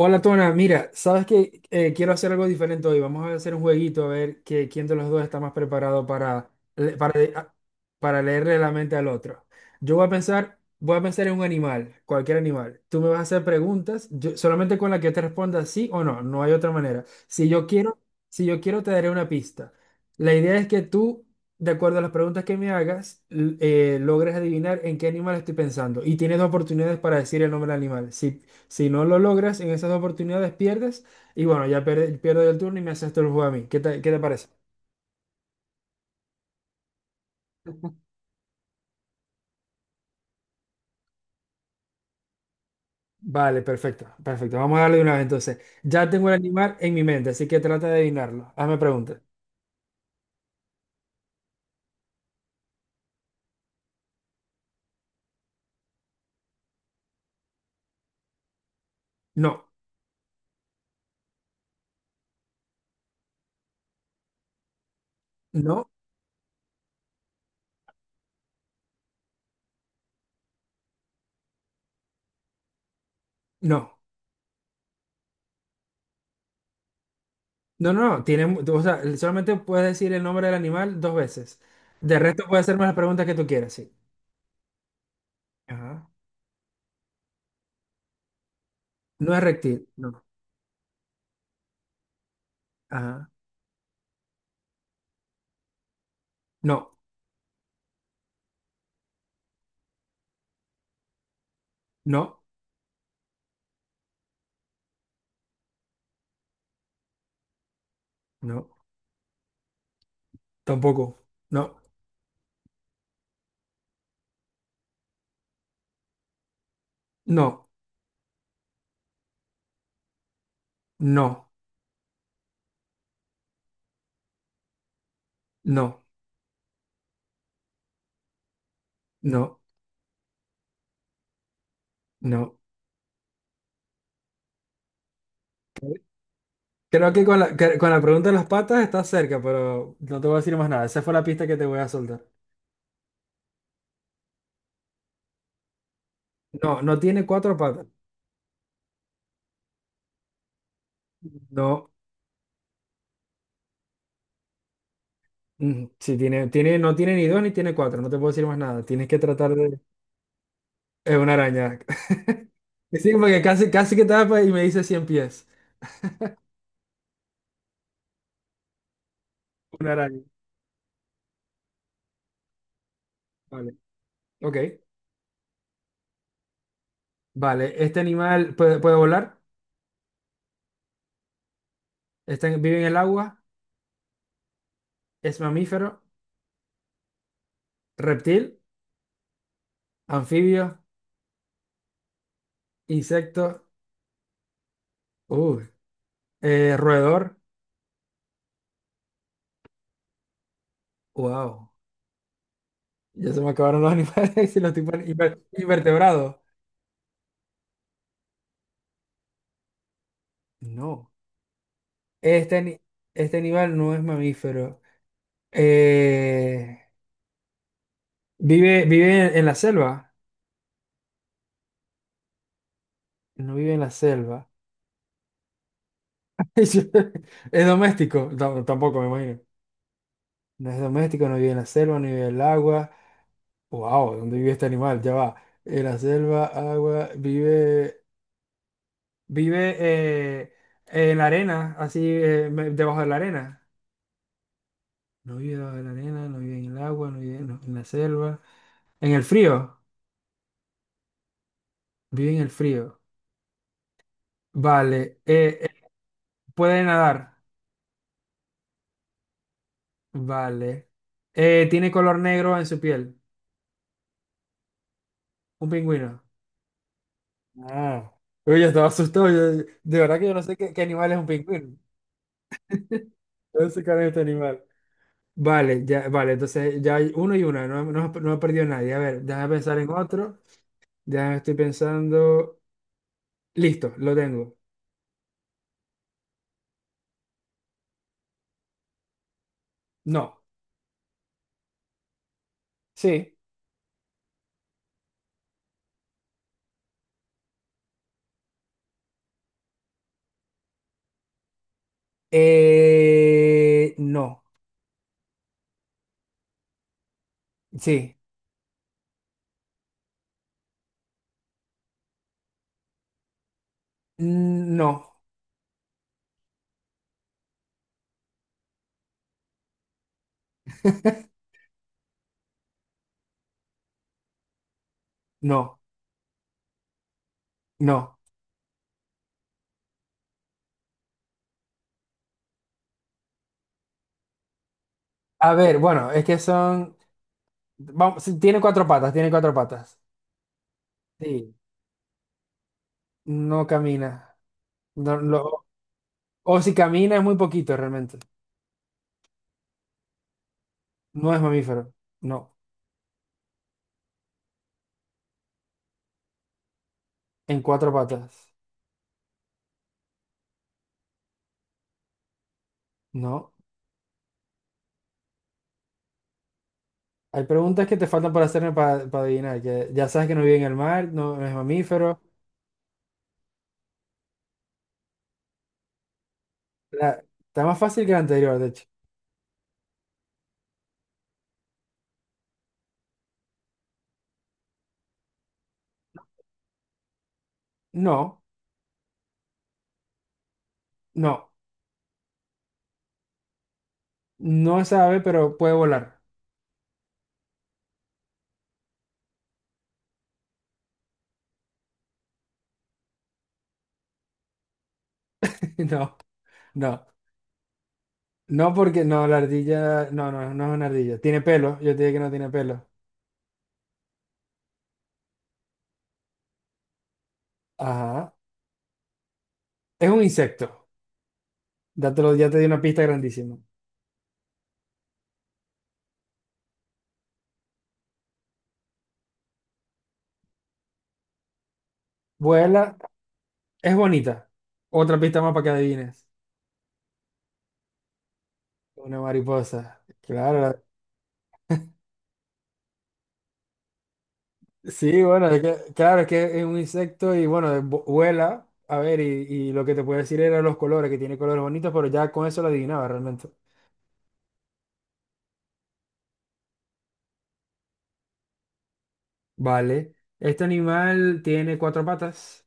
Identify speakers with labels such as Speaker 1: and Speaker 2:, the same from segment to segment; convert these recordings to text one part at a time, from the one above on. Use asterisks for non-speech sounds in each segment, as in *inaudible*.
Speaker 1: Hola Tona, mira, sabes que quiero hacer algo diferente hoy. Vamos a hacer un jueguito a ver quién de los dos está más preparado para, para, para leerle la mente al otro. Yo voy a pensar en un animal, cualquier animal. Tú me vas a hacer preguntas, solamente con la que te responda sí o no, no hay otra manera. Si yo quiero te daré una pista. La idea es que tú, de acuerdo a las preguntas que me hagas, logres adivinar en qué animal estoy pensando y tienes dos oportunidades para decir el nombre del animal. Si si no lo logras, en esas oportunidades pierdes. Y bueno, ya pierdo yo el turno y me haces tú el juego a mí. ¿Qué te parece? Vale, perfecto, perfecto. Vamos a darle de una vez entonces. Ya tengo el animal en mi mente, así que trata de adivinarlo. Hazme preguntas. No, no, no. No, no, no. Tiene, o sea, solamente puedes decir el nombre del animal dos veces. De resto, puedes hacerme las preguntas que tú quieras, sí. Ajá. No es reptil. No. Ajá. No, no, no. Tampoco. No, no, no, no, no, no. No. Creo que con con la pregunta de las patas estás cerca, pero no te voy a decir más nada. Esa fue la pista que te voy a soltar. No, no tiene cuatro patas. No, sí tiene, no tiene ni dos ni tiene cuatro. No te puedo decir más nada. Tienes que tratar de... Es una araña. *laughs* Sí, porque casi, casi que tapa y me dice cien pies. Una araña. Vale. Ok. Vale. Este animal puede volar. Vive en el agua. Es mamífero. Reptil. Anfibio. Insecto. Uh, roedor. Wow. Ya se me acabaron los animales *laughs* y los tipos de invertebrados. No. Este, ani- este animal no es mamífero. Eh, vive en la selva. No vive en la selva. *laughs* Es doméstico. No, tampoco me imagino. No es doméstico, no vive en la selva, no vive en el agua. Wow, ¿dónde vive este animal? Ya va. En la selva, agua, vive, vive en la arena, así debajo de la arena. No vive debajo de la arena, no vive en el agua, no vive en la selva. En el frío, vive en el frío. Vale. Puede nadar. Vale. Tiene color negro en su piel. Un pingüino. Ah. Uy, yo estaba asustado. De verdad que yo no sé qué animal es un pingüino. No sé qué es este animal. Vale, ya, vale. Entonces ya hay uno y una. No, no, no ha perdido nadie. A ver, déjame pensar en otro. Ya estoy pensando. Listo, lo tengo. No. Sí. No. Sí, no, *laughs* no, no. A ver, bueno, es que son... Vamos, sí, tiene cuatro patas, tiene cuatro patas. Sí, no camina. No, lo- o si camina es muy poquito realmente. No es mamífero, no. En cuatro patas, no. Hay preguntas que te faltan por hacerme para adivinar, que ya sabes que no vive en el mar, no, no es mamífero. Está más fácil que la anterior, de hecho. No, no, no es ave, pero puede volar. *laughs* No, no. No, porque no, la ardilla, no es una ardilla. Tiene pelo, yo te dije que no tiene pelo. Ajá. Es un insecto. Ya te di una pista grandísima. Vuela, es bonita. Otra pista más para que adivines. Una mariposa. Claro, sí, bueno, es que, claro, es que es un insecto y bueno, vuela. A ver, y lo que te puedo decir era los colores, que tiene colores bonitos, pero ya con eso lo adivinaba realmente. Vale. Este animal tiene cuatro patas.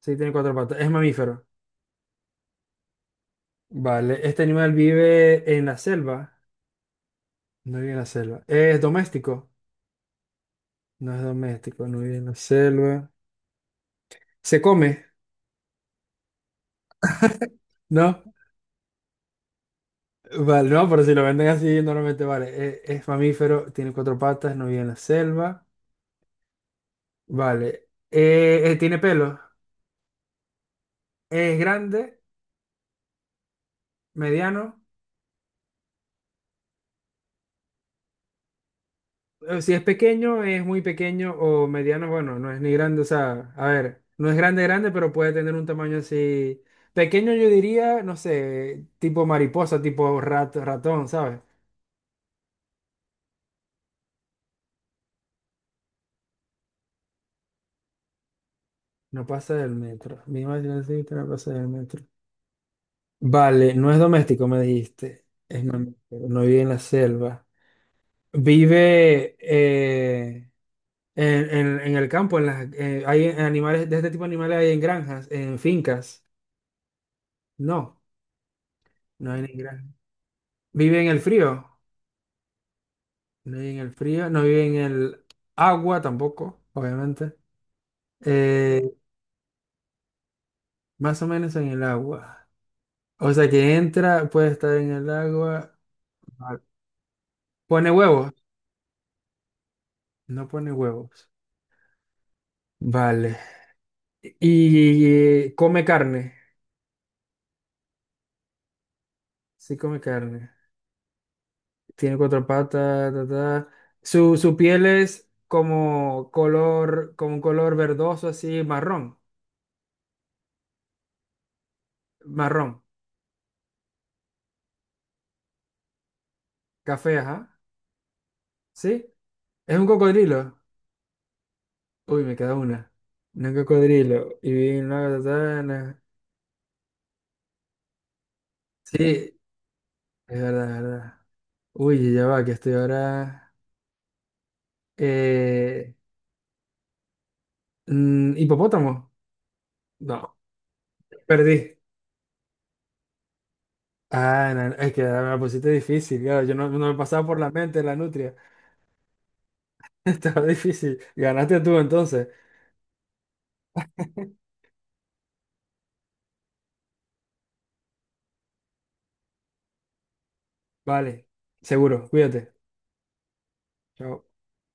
Speaker 1: Sí, tiene cuatro patas. Es mamífero. Vale, este animal vive en la selva. No vive en la selva. ¿Es doméstico? No es doméstico, no vive en la selva. ¿Se come? ¿No? Vale, no, pero si lo venden así, normalmente vale. Es, mamífero, tiene cuatro patas, no vive en la selva. Vale. ¿Tiene pelo? ¿Es grande? ¿Mediano? Si es pequeño, es muy pequeño o mediano, bueno, no es ni grande, o sea, a ver, no es grande, grande, pero puede tener un tamaño así. Pequeño yo diría, no sé, tipo mariposa, tipo ratón, ¿sabes? No pasa del metro. Mi imaginación dice que no pasa del metro. Vale, no es doméstico, me dijiste. Es mamífero, no vive en la selva. Vive en, en el campo, en hay animales, de este tipo de animales hay en granjas, en fincas. No, no hay ni granjas. Vive en el frío. No vive en el frío. No vive en el agua tampoco, obviamente. Eh, más o menos en el agua. O sea que entra, puede estar en el agua. Vale. Pone huevos. No pone huevos. Vale. Y, come carne. Sí, come carne. Tiene cuatro patas. Ta, ta. Su piel es como color, como un color verdoso, así marrón. Marrón. Café, ajá. ¿Sí? Es un cocodrilo. Uy, me queda una. Un cocodrilo. Y vi una katana. Sí, es verdad, es verdad. Uy, ya va, que estoy ahora. Eh, hipopótamo. No, perdí. Ah, no, no, es que me la pusiste difícil, claro. Yo no, no me pasaba por la mente la nutria. *laughs* Estaba difícil. Ganaste tú entonces. *laughs* Vale, seguro. Cuídate. Chao.